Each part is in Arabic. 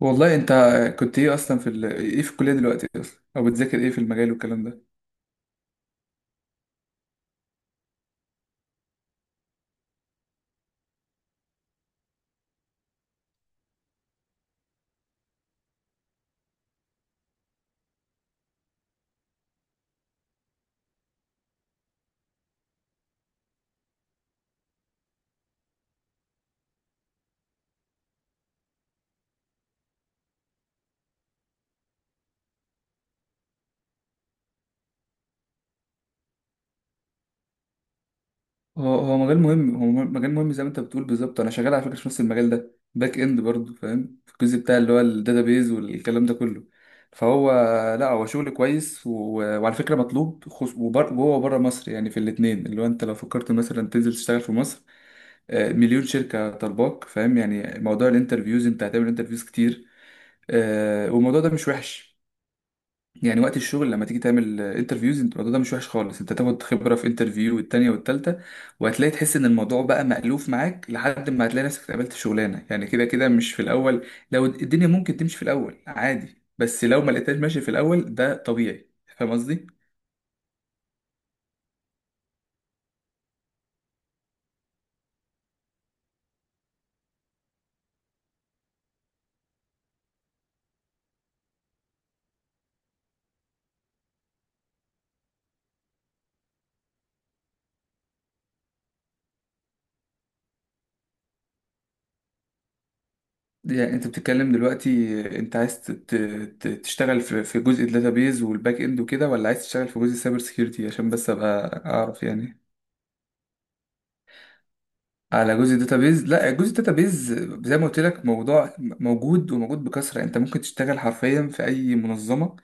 والله انت كنت ايه اصلا في ال... ايه في الكليه دلوقتي اصلا او بتذاكر ايه في المجال والكلام ده؟ هو مجال مهم، مجال مهم زي ما انت بتقول بالظبط. انا شغال على فكره في نفس المجال ده، باك اند، برضه فاهم في الجزء بتاع اللي هو الداتابيز والكلام ده كله. فهو لا، هو شغل كويس، وعلى فكره مطلوب، جوه وبره مصر يعني، في الاثنين. اللي هو انت لو فكرت مثلا تنزل تشتغل في مصر، مليون شركه طالباك. فاهم يعني موضوع الانترفيوز؟ انت هتعمل انترفيوز كتير، والموضوع ده مش وحش يعني. وقت الشغل لما تيجي تعمل انترفيوز، انت الموضوع ده مش وحش خالص. انت تاخد خبره في انترفيو والتانيه والتالته، وهتلاقي تحس ان الموضوع بقى مألوف معاك، لحد ما هتلاقي نفسك اتقبلت شغلانه. يعني كده كده مش في الاول. لو الدنيا ممكن تمشي في الاول عادي، بس لو ما لقيتهاش ماشي في الاول ده طبيعي. فاهم قصدي؟ يعني انت بتتكلم دلوقتي، انت عايز تشتغل في جزء الداتابيز والباك اند وكده، ولا عايز تشتغل في جزء السايبر سيكيورتي؟ عشان بس ابقى اعرف يعني. على جزء الداتابيز؟ لا، جزء الداتابيز زي ما قلت لك، موضوع موجود وموجود بكثرة. انت ممكن تشتغل حرفيا في اي منظمة،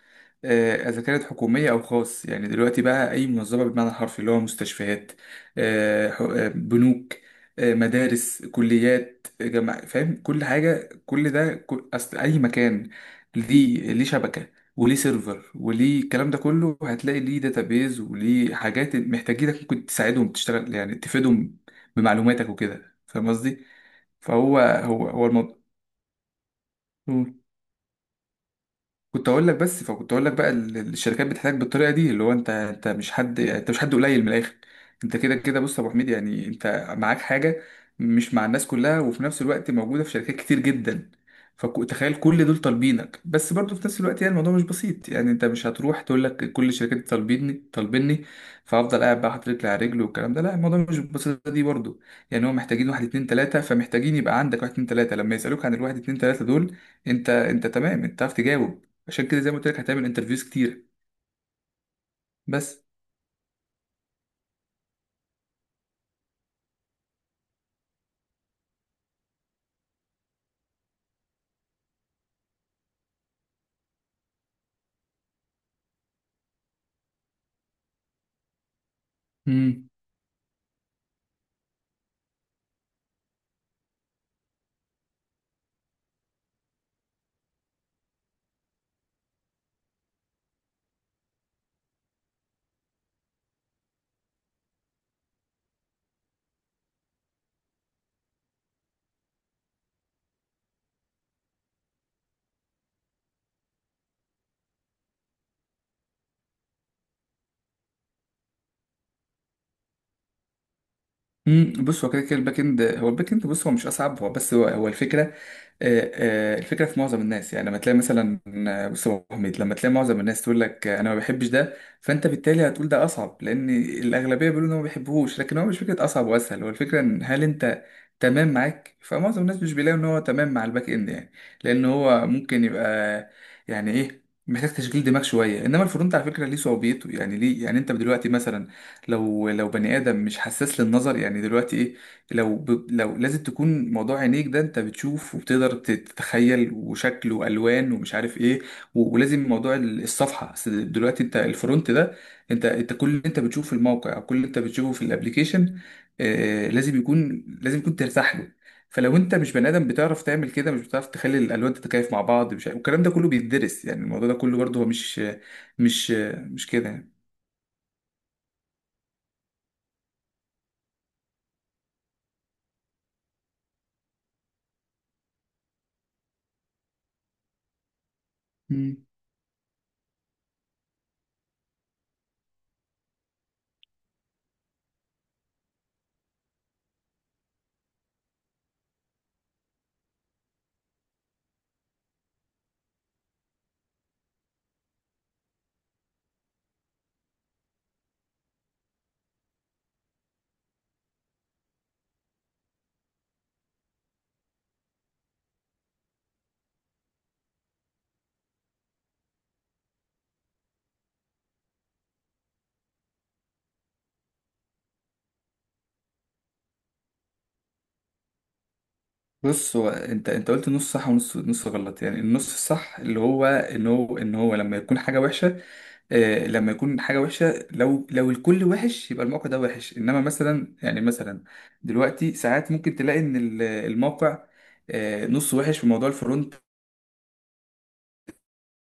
اذا كانت حكومية او خاص. يعني دلوقتي بقى اي منظمة بالمعنى الحرفي، اللي هو مستشفيات، بنوك، مدارس، كليات، جامعة. فاهم كل حاجة؟ كل ده كل اصل اي مكان ليه، ليه شبكة وليه سيرفر وليه الكلام ده كله، هتلاقي ليه داتابيز وليه حاجات محتاجينك. ممكن تساعدهم، تشتغل يعني تفيدهم بمعلوماتك وكده. فاهم قصدي؟ فهو هو هو الموضوع. كنت اقول لك بس، فكنت اقول لك بقى الشركات بتحتاج بالطريقه دي. اللي هو انت، مش حد، مش حد قليل، من الاخر انت كده كده. بص يا ابو حميد، يعني انت معاك حاجه مش مع الناس كلها، وفي نفس الوقت موجوده في شركات كتير جدا. فتخيل كل دول طالبينك، بس برضه في نفس الوقت يعني الموضوع مش بسيط. يعني انت مش هتروح تقول لك كل الشركات طالبيني طالبيني، فافضل قاعد بقى حاطط رجلي على رجل والكلام ده. لا، الموضوع مش بالبساطه دي برضه. يعني هم محتاجين واحد اتنين تلاته، فمحتاجين يبقى عندك واحد اتنين تلاته. لما يسالوك عن الواحد اتنين تلاته دول، انت، تمام، انت عارف تجاوب. عشان كده زي ما قلت لك، هتعمل انترفيوز كتير بس. امم بص، كده كده الباك اند. هو الباك اند بص، هو مش اصعب، هو بس هو, الفكره. الفكره في معظم الناس، يعني لما تلاقي مثلا، بص يا أبو حميد، لما تلاقي معظم الناس تقول لك انا ما بحبش ده، فانت بالتالي هتقول ده اصعب، لان الاغلبيه بيقولوا ان هو ما بيحبوهوش. لكن هو مش فكره اصعب واسهل، هو الفكره ان هل انت تمام معاك؟ فمعظم الناس مش بيلاقوا ان هو تمام مع الباك اند يعني، لان هو ممكن يبقى يعني ايه، محتاج تشغيل دماغ شويه. انما الفرونت على فكره ليه صعوبيته يعني، ليه؟ يعني انت دلوقتي مثلا، لو بني ادم مش حساس للنظر، يعني دلوقتي ايه، لو لازم تكون موضوع عينيك ده، انت بتشوف وبتقدر تتخيل، وشكل والوان ومش عارف ايه، ولازم موضوع الصفحه، أصل دلوقتي انت الفرونت ده، انت كل اللي انت بتشوفه في الموقع، او كل اللي انت بتشوفه في الابليكيشن، لازم يكون، لازم يكون ترتاح له. فلو انت مش بني ادم بتعرف تعمل كده، مش بتعرف تخلي الالوان تتكيف مع بعض، مش عارف- والكلام ده كله بيتدرس. يعني الموضوع ده كله برضه هو مش، مش مش كده يعني. بص، هو انت، قلت نص صح ونص، غلط. يعني النص الصح اللي هو ان هو، لما يكون حاجه وحشه، آه لما يكون حاجه وحشه، لو الكل وحش يبقى الموقع ده وحش. انما مثلا، يعني مثلا دلوقتي ساعات ممكن تلاقي ان الموقع آه نص وحش في موضوع الفرونت،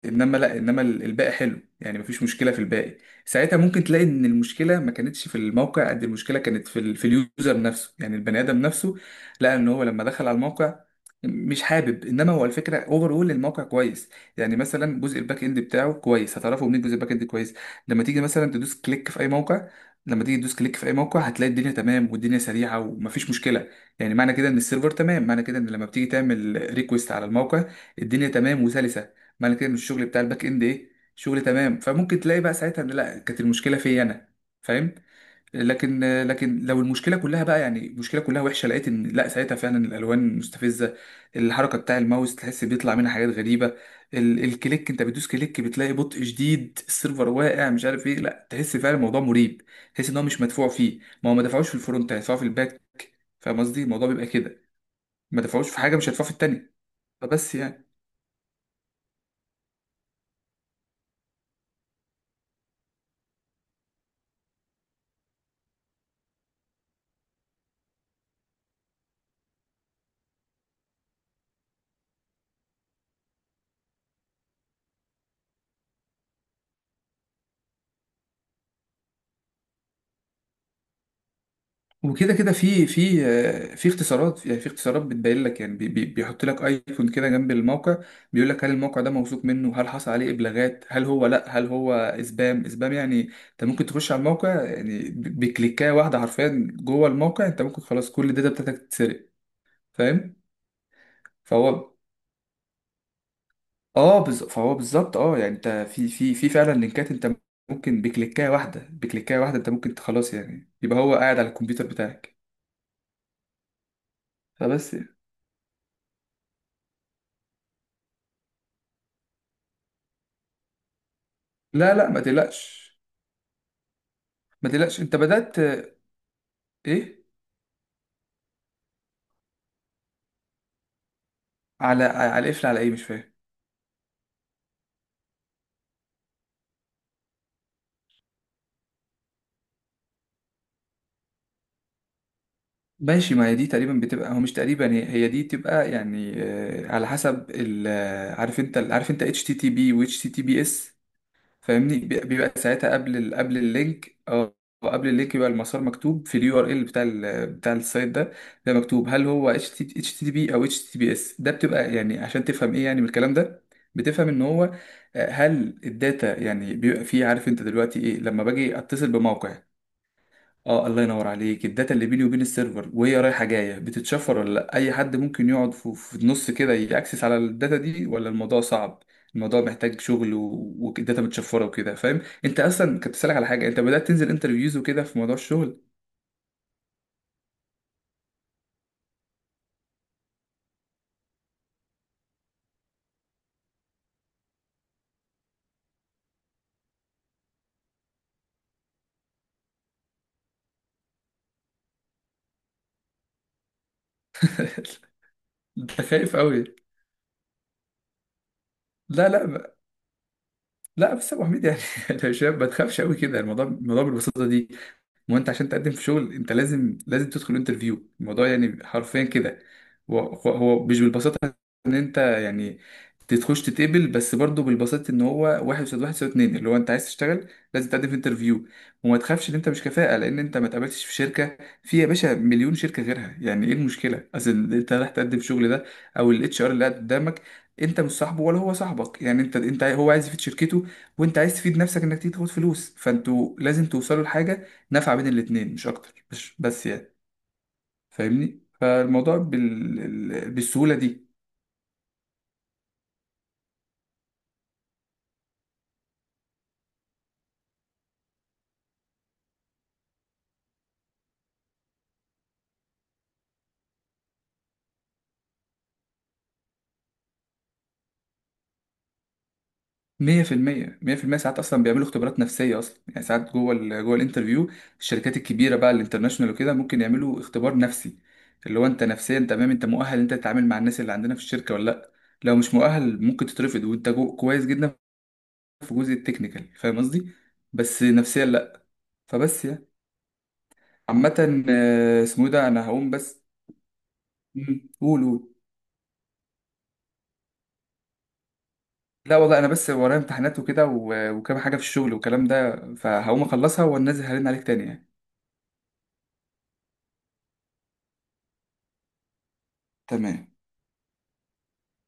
انما لا، انما الباقي حلو، يعني مفيش مشكله في الباقي. ساعتها ممكن تلاقي ان المشكله ما كانتش في الموقع قد المشكله كانت في في اليوزر نفسه، يعني البني ادم نفسه لقى ان هو لما دخل على الموقع مش حابب. انما هو الفكره اوفر اول الموقع كويس، يعني مثلا جزء الباك اند بتاعه كويس. هتعرفه منين جزء الباك اند كويس؟ لما تيجي مثلا تدوس كليك في اي موقع، لما تيجي تدوس كليك في اي موقع هتلاقي الدنيا تمام والدنيا سريعه ومفيش مشكله. يعني معنى كده ان السيرفر تمام، معنى كده ان لما بتيجي تعمل ريكوست على الموقع، الدنيا تمام وسلسه. معنى كده ان الشغل بتاع الباك اند ايه، شغل تمام. فممكن تلاقي بقى ساعتها ان لا، كانت المشكله فيا انا. فاهم؟ لكن، لكن لو المشكله كلها بقى، يعني المشكله كلها وحشه، لقيت ان لا، ساعتها فعلا الالوان مستفزه، الحركه بتاع الماوس تحس بيطلع منها حاجات غريبه، الكليك انت بتدوس كليك بتلاقي بطء شديد، السيرفر واقع مش عارف ايه، لا تحس فعلا الموضوع مريب. تحس ان هو مش مدفوع فيه، ما هو ما دفعوش في الفرونت هيدفعوا في الباك؟ فاهم قصدي؟ الموضوع بيبقى كده، ما دفعوش في حاجه مش هيدفعوا في التانيه. فبس يعني. وكده كده في في اختصارات، يعني في اختصارات بتبين لك، يعني بيحط لك ايكون كده جنب الموقع، بيقول لك هل الموقع ده موثوق منه، هل حصل عليه ابلاغات، هل هو لا، هل هو سبام. سبام يعني انت ممكن تخش على الموقع يعني بكليكايه واحده، حرفيا جوه الموقع انت ممكن خلاص كل الداتا بتاعتك تتسرق. فاهم؟ فهو، فهو بالظبط اه. يعني انت في في فعلا لينكات، انت ممكن بكليكايه واحده، بكليكايه واحده، انت ممكن خلاص يعني يبقى هو قاعد على الكمبيوتر بتاعك. فبس يعني. لا لا ما تقلقش، ما تقلقش. انت بدأت، ايه؟ على، قفل على ايه؟ مش فاهم. ماشي، ما هي دي تقريبا بتبقى، هو مش تقريبا، هي دي بتبقى يعني على حسب ال، عارف انت، عارف انت اتش تي تي بي واتش تي تي بي اس؟ فاهمني؟ بيبقى ساعتها قبل قبل اللينك اه، قبل اللينك يبقى المسار مكتوب في اليو ار ال بتاع بتاع السايت ده، ده مكتوب هل هو اتش تي، اتش تي بي او اتش تي بي اس. ده بتبقى يعني عشان تفهم ايه يعني من الكلام ده، بتفهم ان هو هل الداتا يعني بيبقى فيه، عارف انت دلوقتي ايه لما باجي اتصل بموقع، اه الله ينور عليك. الداتا اللي بيني وبين السيرفر وهي رايحه جايه بتتشفر ولا لأ؟ اي حد ممكن يقعد في النص كده ياكسس على الداتا دي، ولا الموضوع صعب؟ الموضوع محتاج شغل، والداتا متشفره وكده. فاهم؟ انت اصلا كنت بسالك على حاجه، انت بدات تنزل انترفيوز وكده في موضوع الشغل. انت خايف قوي. لا لا ب- لا بس يا ابو حميد يعني، انت شايف؟ ما تخافش قوي كده، الموضوع، الموضوع بالبساطه دي. ما هو انت عشان تقدم في شغل انت لازم، لازم تدخل انترفيو. الموضوع يعني حرفيا كده، هو مش بالبساطه ان انت يعني تخش تتقبل. بس برضه بالبساطه ان هو واحد يساوي واحد يساوي اتنين، اللي هو انت عايز تشتغل لازم تقدم في انترفيو. وما تخافش ان انت مش كفاءه لان انت ما اتقبلتش في شركه، في يا باشا مليون شركه غيرها. يعني ايه المشكله؟ اصل انت رايح تقدم في الشغل ده، او الاتش ار اللي قاعد قدامك انت مش صاحبه ولا هو صاحبك. يعني انت انت هو عايز يفيد شركته، وانت عايز تفيد نفسك انك تيجي تاخد فلوس، فانتوا لازم توصلوا لحاجه، نفع بين الاتنين مش اكتر. مش بس يعني فاهمني؟ فالموضوع بالسهوله دي. 100%، 100% ساعات اصلا بيعملوا اختبارات نفسيه اصلا، يعني ساعات جوه جوه الانترفيو، الشركات الكبيره بقى الانترناشونال وكده ممكن يعملوا اختبار نفسي. اللي هو انت نفسيا تمام، انت مؤهل انت تتعامل مع الناس اللي عندنا في الشركه ولا لا؟ لو مش مؤهل ممكن تترفض، وانت كويس جدا في جزء التكنيكال. فاهم قصدي؟ بس نفسيا لا. فبس يعني. عامه اسمه إيه ده، انا هقوم بس. مم. قول قول. لا والله انا بس ورايا امتحانات وكده وكام حاجه في الشغل والكلام ده، فهقوم اخلصها وانزل هرن عليك تاني يعني. تمام.